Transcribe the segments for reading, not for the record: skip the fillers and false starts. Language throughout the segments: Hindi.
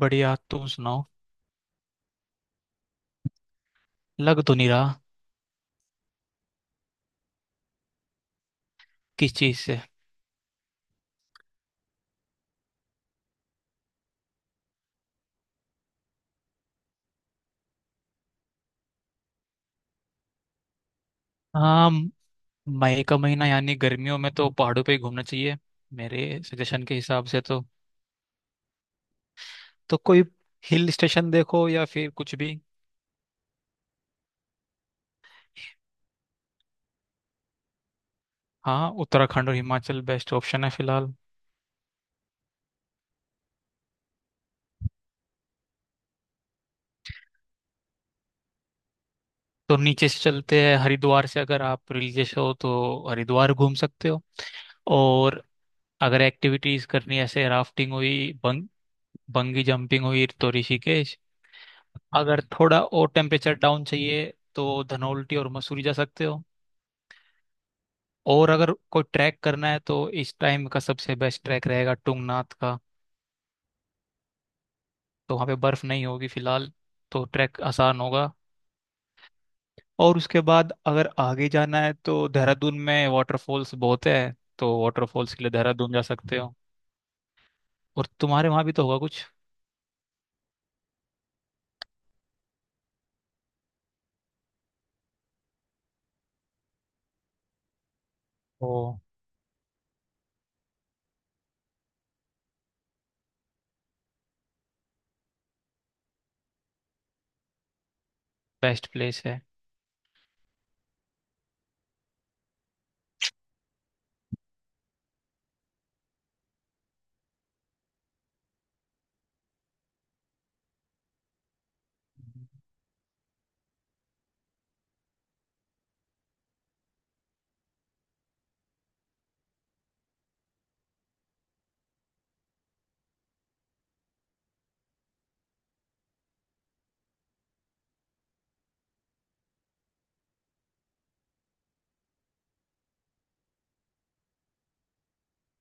बढ़िया, तुम सुनाओ। लग तो नहीं रहा। किस चीज से। हाँ, मई का महीना यानी गर्मियों में तो पहाड़ों पे ही घूमना चाहिए, मेरे सजेशन के हिसाब से तो। तो कोई हिल स्टेशन देखो या फिर कुछ भी। हाँ, उत्तराखंड और हिमाचल बेस्ट ऑप्शन है फिलहाल। तो नीचे से चलते हैं, हरिद्वार से। अगर आप रिलीजियस हो तो हरिद्वार घूम सकते हो। और अगर एक्टिविटीज करनी है, जैसे राफ्टिंग हुई, बंगी जंपिंग हुई, तो ऋषिकेश। अगर थोड़ा और टेम्परेचर डाउन चाहिए तो धनौल्टी और मसूरी जा सकते हो। और अगर कोई ट्रैक करना है तो इस टाइम का सबसे बेस्ट ट्रैक रहेगा टुंगनाथ का। तो वहाँ पे बर्फ नहीं होगी फिलहाल, तो ट्रैक आसान होगा। और उसके बाद अगर आगे जाना है तो देहरादून में वाटरफॉल्स बहुत है, तो वाटरफॉल्स के लिए देहरादून जा सकते हो। और तुम्हारे वहाँ भी तो होगा कुछ। ओ। बेस्ट प्लेस है।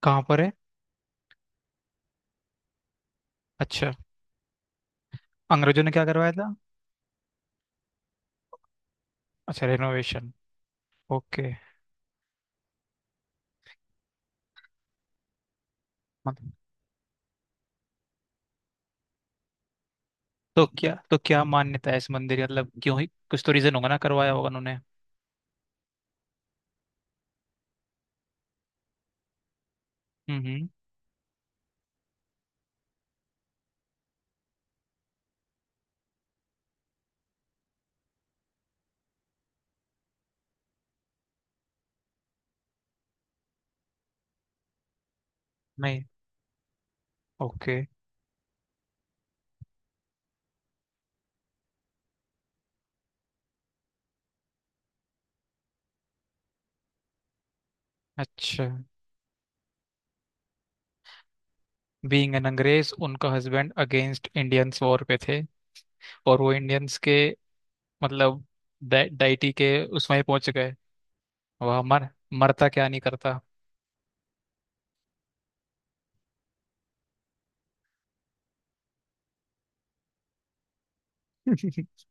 कहाँ पर है। अच्छा। अंग्रेजों ने क्या करवाया था? अच्छा, रेनोवेशन। ओके। तो क्या, तो क्या मान्यता है इस मंदिर की? मतलब क्यों ही, कुछ तो रीजन होगा ना, करवाया होगा उन्होंने। हम्म, हम्म। नहीं। ओके। अच्छा। बीइंग एन अंग्रेज, उनका हस्बैंड अगेंस्ट इंडियंस वॉर पे थे, और वो इंडियंस के, मतलब डाइटी के उसमें पहुंच गए। वह मर मरता क्या नहीं करता।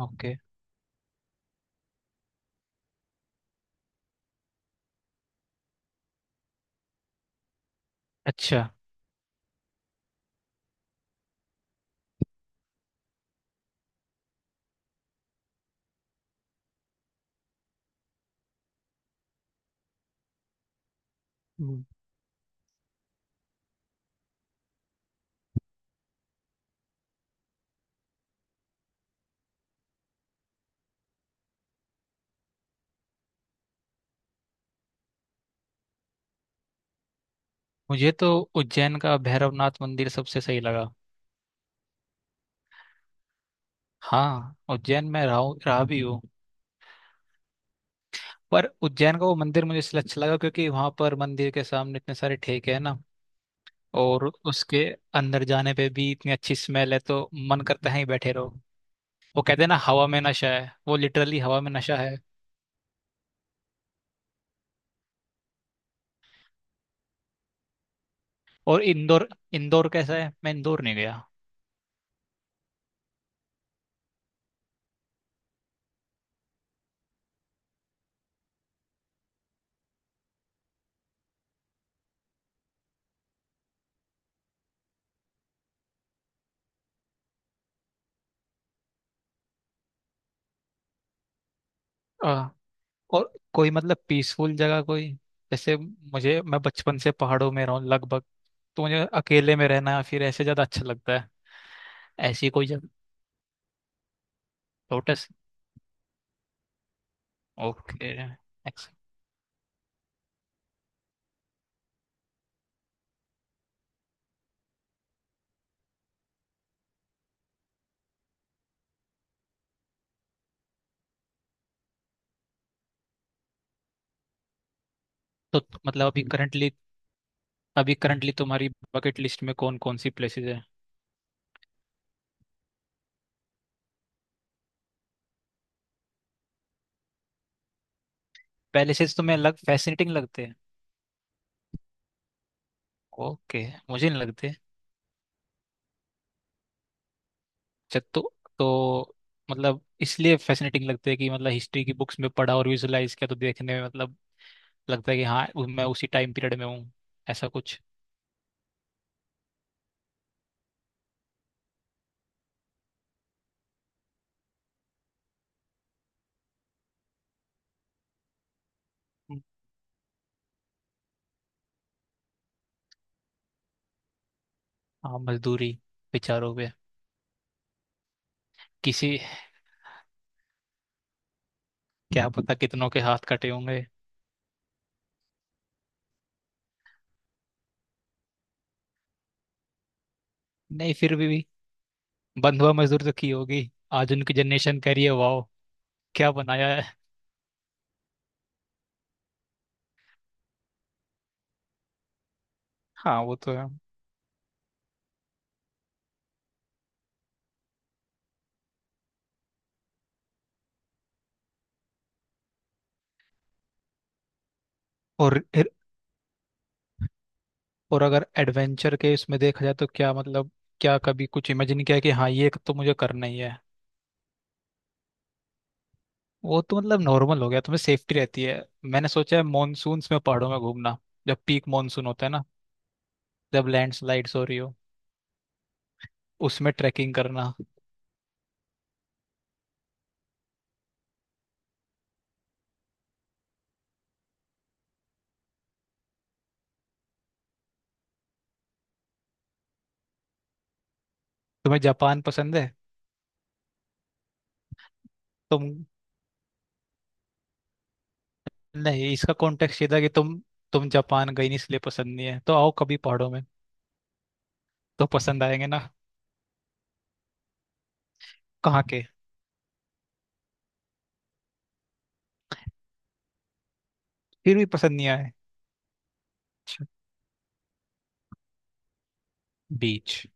ओके। अच्छा। हम्म। मुझे तो उज्जैन का भैरवनाथ मंदिर सबसे सही लगा। हाँ, उज्जैन में रहा भी हूँ। पर उज्जैन का वो मंदिर मुझे इसलिए अच्छा लगा क्योंकि वहां पर मंदिर के सामने इतने सारे ठेके हैं ना। और उसके अंदर जाने पे भी इतनी अच्छी स्मेल है, तो मन करता है ही बैठे रहो। वो कहते हैं ना, हवा में नशा है, वो लिटरली हवा में नशा है। और इंदौर, इंदौर कैसा है? मैं इंदौर नहीं गया। आ, और कोई मतलब पीसफुल जगह कोई। जैसे मुझे, मैं बचपन से पहाड़ों में रहा हूँ लगभग, तो मुझे अकेले में रहना या फिर ऐसे ज्यादा अच्छा लगता है। ऐसी कोई जगह। लोटस। ओके। तो मतलब अभी करंटली तुम्हारी बकेट लिस्ट में कौन कौन सी प्लेसेस है। पहले से तुम्हें अलग फैसिनेटिंग लगते हैं? ओके। मुझे नहीं लगते। अच्छा, तो मतलब इसलिए फैसिनेटिंग लगते हैं कि मतलब हिस्ट्री की बुक्स में पढ़ा और विजुलाइज किया, तो देखने में मतलब लगता है कि हाँ, मैं उसी टाइम पीरियड में हूँ, ऐसा कुछ। हम्म। हाँ, मजदूरी बेचारों पे। किसी, क्या पता कितनों के हाथ कटे होंगे। नहीं, फिर भी, बंधुआ मजदूर तो की होगी। आज उनकी जनरेशन कह रही है, वाओ, क्या बनाया है। हाँ, वो तो है। और और अगर एडवेंचर के इसमें देखा जाए तो क्या मतलब, क्या कभी कुछ इमेजिन किया कि हाँ, ये तो मुझे करना ही है। वो तो मतलब नॉर्मल हो गया, तुम्हें सेफ्टी रहती है। मैंने सोचा है मानसून्स में पहाड़ों में घूमना, जब पीक मानसून होता है ना, जब लैंडस्लाइड्स हो रही हो, उसमें ट्रैकिंग करना। तुम्हें जापान पसंद है? तुम, नहीं, इसका कॉन्टेक्स्ट ये था कि तुम जापान गई नहीं इसलिए पसंद नहीं है, तो आओ कभी पहाड़ों में। तो पसंद आएंगे ना। कहाँ के। फिर भी पसंद नहीं आए। बीच।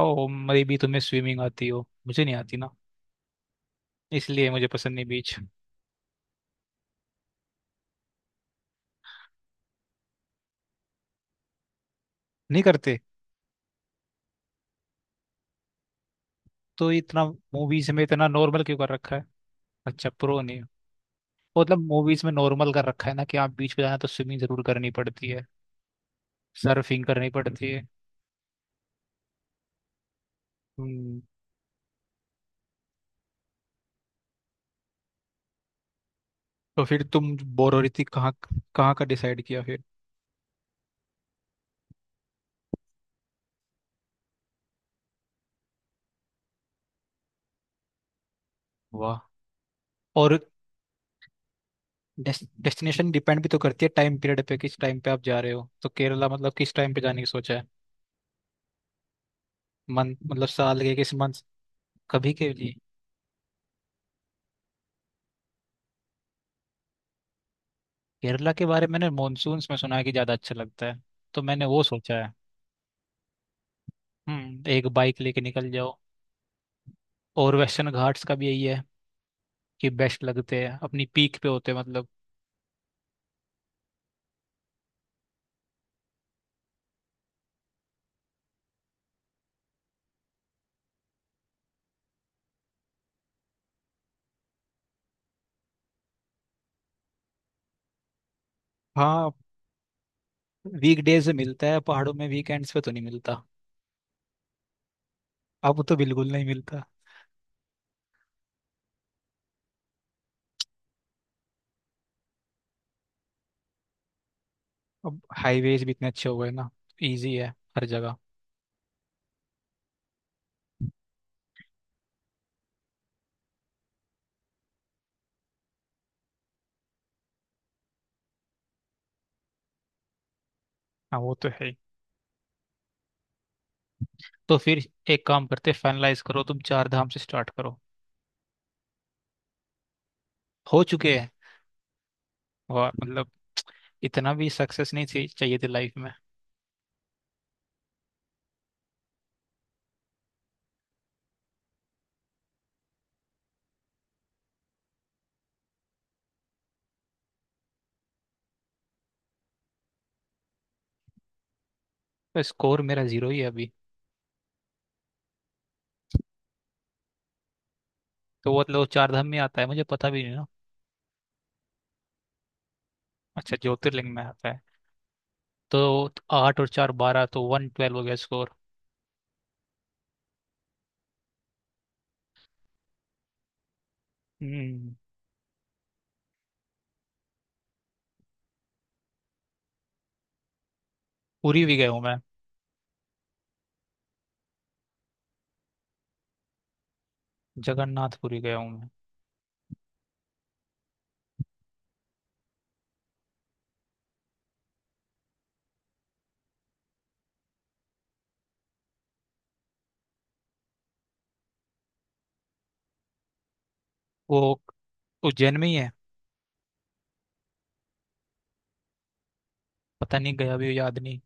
ओ, मेरी भी, तुम्हें स्विमिंग आती हो, मुझे नहीं आती ना, इसलिए मुझे पसंद नहीं बीच। नहीं करते? तो इतना, मूवीज में इतना नॉर्मल क्यों कर रखा है? अच्छा, प्रो नहीं। मतलब मूवीज में नॉर्मल कर रखा है ना, कि आप बीच पे जाना तो स्विमिंग जरूर करनी पड़ती है, सर्फिंग करनी पड़ती है। हम्म। तो फिर तुम बोर हो रही थी, कहाँ, कहाँ का डिसाइड किया फिर। वाह। और, डेस्टिनेशन डिपेंड भी तो करती है टाइम पीरियड पे, किस टाइम पे आप जा रहे हो। तो केरला मतलब किस टाइम पे जाने की सोचा है? मंथ, मतलब साल के किस मंथ। कभी के लिए। केरला के बारे में मैंने मानसून में सुना है कि ज्यादा अच्छा लगता है, तो मैंने वो सोचा है। हम्म, एक बाइक लेके निकल जाओ। और वेस्टर्न घाट्स का भी यही है, कि बेस्ट लगते हैं अपनी पीक पे होते हैं मतलब। हाँ, वीक डेज में मिलता है पहाड़ों में, वीकेंड्स पे तो नहीं मिलता। अब तो बिल्कुल नहीं मिलता। अब हाईवेज भी इतने अच्छे हो गए ना, इजी है हर जगह। हाँ, वो तो है ही। तो फिर एक काम करते, फाइनलाइज करो, तुम चार धाम से स्टार्ट करो। हो चुके हैं। वाह, मतलब इतना भी सक्सेस नहीं थी चाहिए थी लाइफ में। तो स्कोर मेरा 0 ही है अभी। तो वो मतलब वो चार धाम में आता है, मुझे पता भी नहीं ना। अच्छा, ज्योतिर्लिंग में आता है। तो 8 और 4 12, तो वन ट्वेल्व हो गया स्कोर। हम्म। पुरी भी गया हूँ मैं। जगन्नाथपुरी गया हूँ मैं। वो उज्जैन में ही है। पता नहीं, गया भी हो, याद नहीं।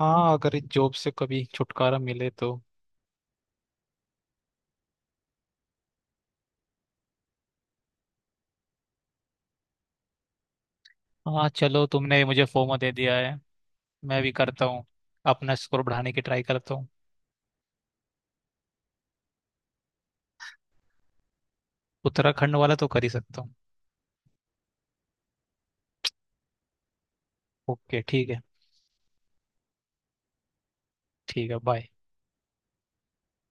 हाँ, अगर इस जॉब से कभी छुटकारा मिले तो। हाँ चलो, तुमने मुझे फोमो दे दिया है। मैं भी करता हूँ, अपना स्कोर बढ़ाने की ट्राई करता हूँ। उत्तराखंड वाला तो कर ही सकता हूँ। ओके, ठीक है। ठीक है, बाय।